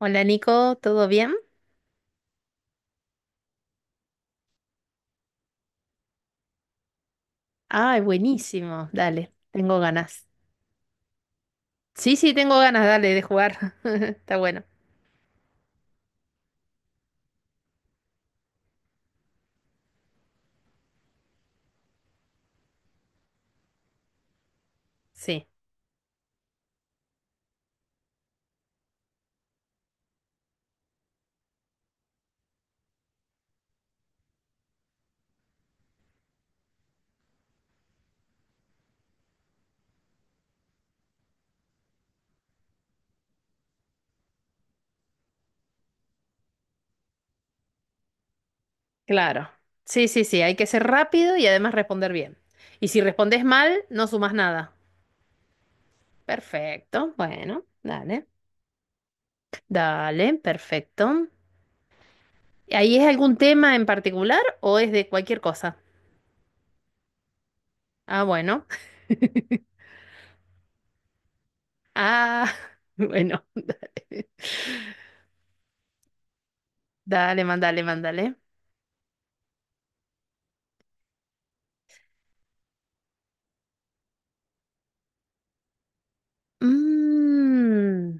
Hola Nico, ¿todo bien? Ay, buenísimo, dale, tengo ganas. Sí, sí, tengo ganas, dale, de jugar. Está bueno. Sí, claro. Sí, sí, sí, hay que ser rápido y además responder bien. Y si respondes mal, no sumas nada. Perfecto, bueno, dale. Dale, perfecto. ¿Ahí es algún tema en particular o es de cualquier cosa? Ah, bueno. Ah, bueno. Dale, mandale, mandale. Mm,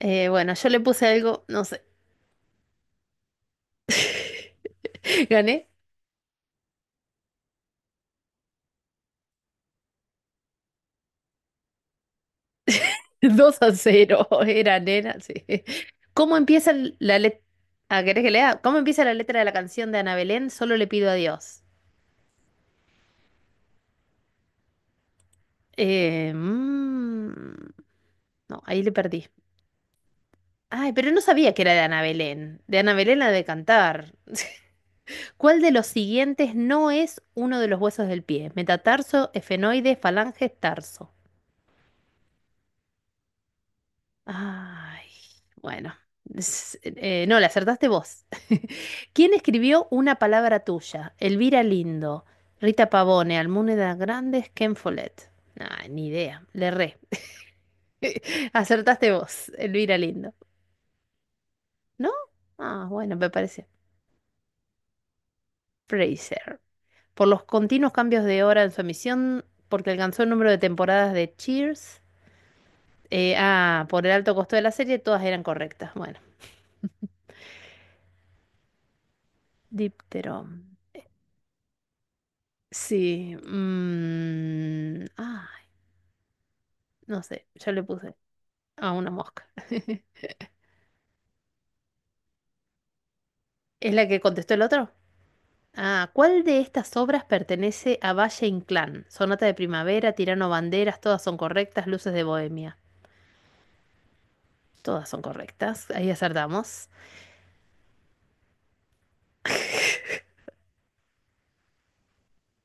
bueno, yo le puse algo, no sé. Gané 2-0. Era nena, sí. ¿Cómo empieza la letra? ¿Querés que lea? ¿Cómo empieza la letra de la canción de Ana Belén? Solo le pido a Dios. Eh, mm, no, ahí le perdí. Ay, pero no sabía que era de Ana Belén. De Ana Belén la de cantar. ¿Cuál de los siguientes no es uno de los huesos del pie? Metatarso, efenoide, falange, tarso. Ay, bueno. No, le acertaste vos. ¿Quién escribió Una palabra tuya? Elvira Lindo, Rita Pavone, Almudena Grandes, Ken Follett. Nah, ni idea. Le erré. Acertaste vos, Elvira Lindo. ¿No? Ah, bueno, me parece. Fraser. Por los continuos cambios de hora en su emisión, porque alcanzó el número de temporadas de Cheers. Ah, por el alto costo de la serie, todas eran correctas. Bueno, Diptero. Sí, ay, no sé, yo le puse a una mosca. ¿Es la que contestó el otro? Ah, ¿cuál de estas obras pertenece a Valle Inclán? Sonata de primavera, Tirano Banderas, todas son correctas, Luces de Bohemia. Todas son correctas, ahí acertamos.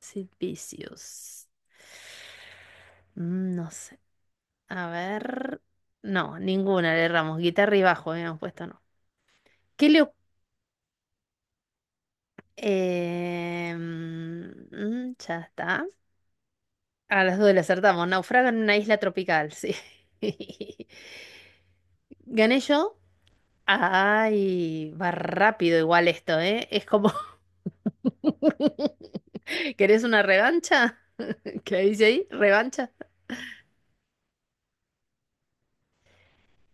Sid Vicious. No sé, a ver. No, ninguna le erramos, guitarra y bajo, habíamos puesto no. ¿Qué le... oc- Em, mm, Ya está. A las dos le acertamos. Naufraga en una isla tropical, sí. Gané yo. Ay, va rápido igual esto, ¿eh? Es como. ¿Querés una revancha? ¿Qué dice ahí? ¿Revancha?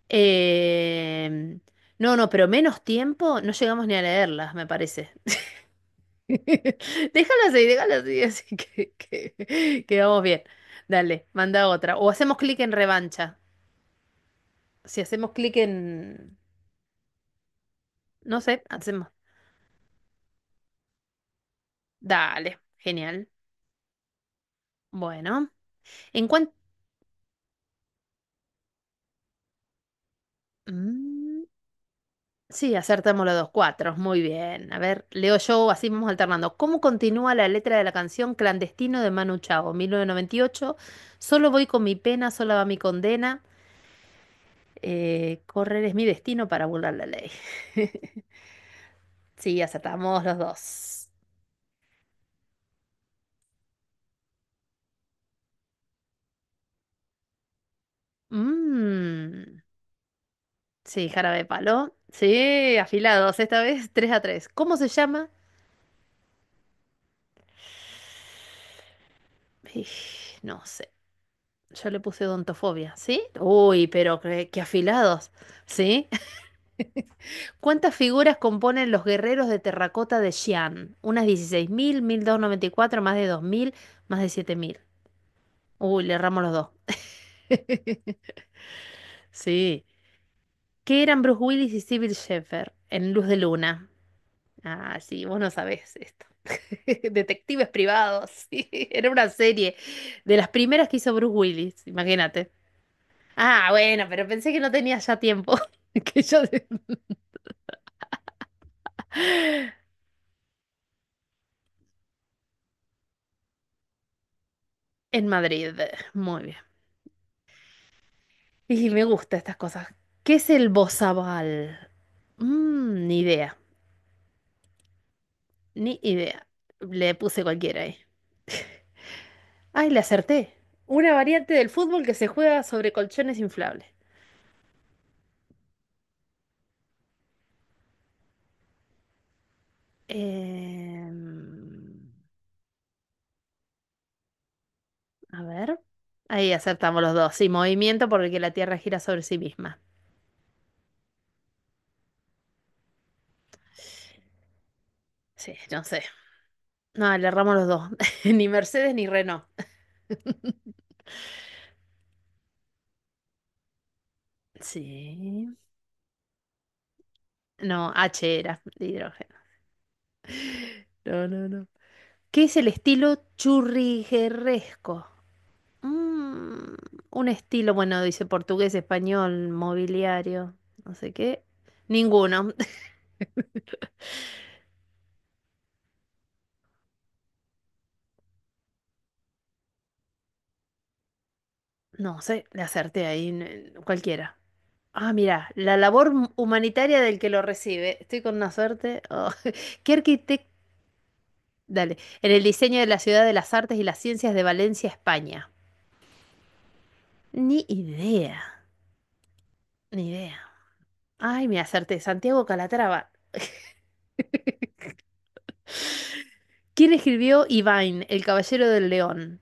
Eh, No, no, pero menos tiempo no llegamos ni a leerlas, me parece. Déjalas ahí, así que vamos bien. Dale, manda otra. O hacemos clic en revancha. Si hacemos clic en. No sé, hacemos. Dale, genial. Bueno, en cuanto. Sí, acertamos los dos cuatro. Muy bien. A ver, leo yo, así vamos alternando. ¿Cómo continúa la letra de la canción Clandestino de Manu Chao, 1998? Solo voy con mi pena, sola va mi condena. Correr es mi destino para burlar la ley. Sí, acertamos los dos. Mm, sí, jarabe de palo. Sí, afilados, esta vez 3-3. ¿Cómo se llama? Ij, no sé. Yo le puse odontofobia, ¿sí? Uy, pero qué afilados, ¿sí? ¿Cuántas figuras componen los guerreros de terracota de Xi'an? Unas 16.000, 1.294, más de 2.000, más de 7.000. Uy, le erramos los dos. Sí. ¿Qué eran Bruce Willis y Sybil Shepherd en Luz de Luna? Ah, sí, vos no sabés esto. Detectives privados, sí. Era una serie de las primeras que hizo Bruce Willis, imagínate. Ah, bueno, pero pensé que no tenía ya tiempo. Que yo. En Madrid, muy bien. Y me gustan estas cosas. ¿Qué es el bozabal? Ni idea, ni idea. Le puse cualquiera ahí. Ay, le acerté. Una variante del fútbol que se juega sobre colchones inflables. Em, a ver. Ahí acertamos los dos. Sí, movimiento porque la Tierra gira sobre sí misma. Sí, no sé. No, le erramos los dos. Ni Mercedes ni Renault. Sí. No, H era de hidrógeno. No, no, no. ¿Qué es el estilo churrigueresco? Mm, un estilo, bueno, dice portugués, español, mobiliario, no sé qué. Ninguno. No sé, le acerté ahí, cualquiera. Ah, mira, la labor humanitaria del que lo recibe. Estoy con una suerte. Oh, ¿Qué arquitecto? Dale. En el diseño de la Ciudad de las Artes y las Ciencias de Valencia, España. Ni idea, ni idea. Ay, me acerté. Santiago Calatrava. ¿Quién escribió Ivain, El Caballero del León?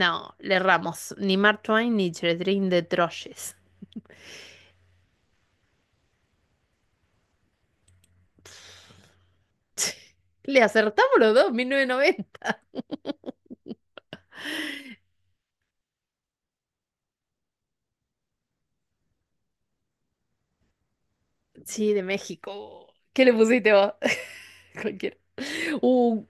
No, le erramos. Ni Mark Twain ni Catherine de Troyes. Le acertamos los dos, 1990. Sí, de México. ¿Qué le pusiste vos? Cualquiera. Uh,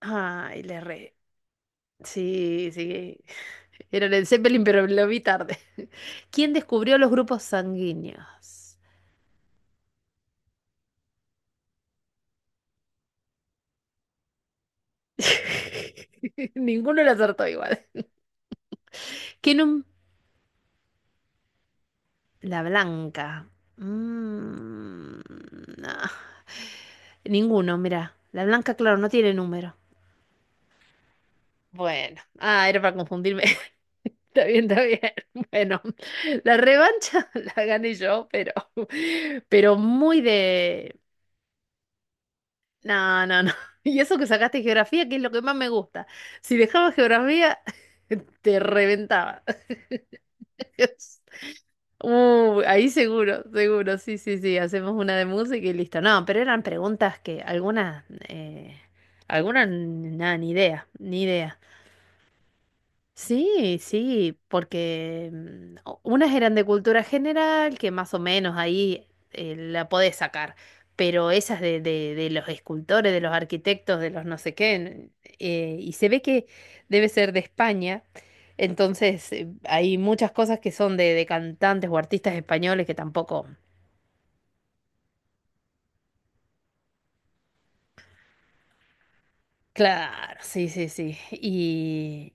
Ay, le erré. Sí, sí. Era en el Zeppelin, pero lo vi tarde. ¿Quién descubrió los grupos sanguíneos? Ninguno le acertó igual. ¿Qué, num- La blanca. Mm, ah. Ninguno, mira. La blanca, claro, no tiene número. Bueno, ah, era para confundirme. Está bien, está bien. Bueno, la revancha la gané yo, pero. Pero muy de. No, no, no. Y eso que sacaste geografía, que es lo que más me gusta. Si dejaba geografía, te reventaba. Ahí seguro, seguro, sí, sí, sí, hacemos una de música y listo. No, pero eran preguntas que algunas, nada, ni idea, ni idea. Sí, sí, porque unas eran de cultura general, que más o menos ahí la podés sacar, pero esas de los escultores, de los arquitectos, de los no sé qué, y se ve que debe ser de España, entonces hay muchas cosas que son de cantantes o artistas españoles que tampoco. Claro, sí, sí, sí, y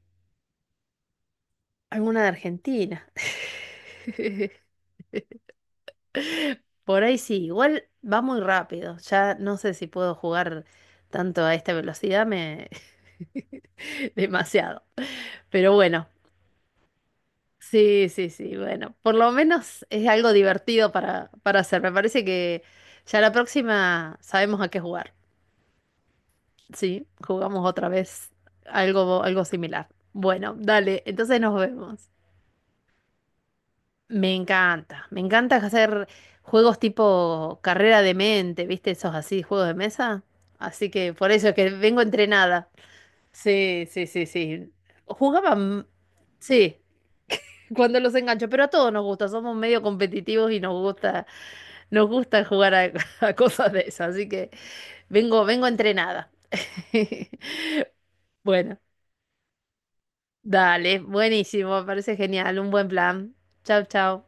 alguna de Argentina. Por ahí sí, igual va muy rápido. Ya no sé si puedo jugar tanto a esta velocidad, me. Demasiado. Pero bueno, sí, sí, sí, bueno, por lo menos es algo divertido para hacer. Me parece que ya la próxima sabemos a qué jugar. Sí, jugamos otra vez algo similar. Bueno, dale, entonces nos vemos. Me encanta hacer juegos tipo carrera de mente, ¿viste? Esos así, juegos de mesa. Así que por eso es que vengo entrenada. Sí, sí, sí, sí. Jugaban, sí, cuando los engancho, pero a todos nos gusta, somos medio competitivos y nos gusta jugar a, a cosas de esas, así que vengo entrenada. Bueno, dale, buenísimo, me parece genial, un buen plan. Chao, chao.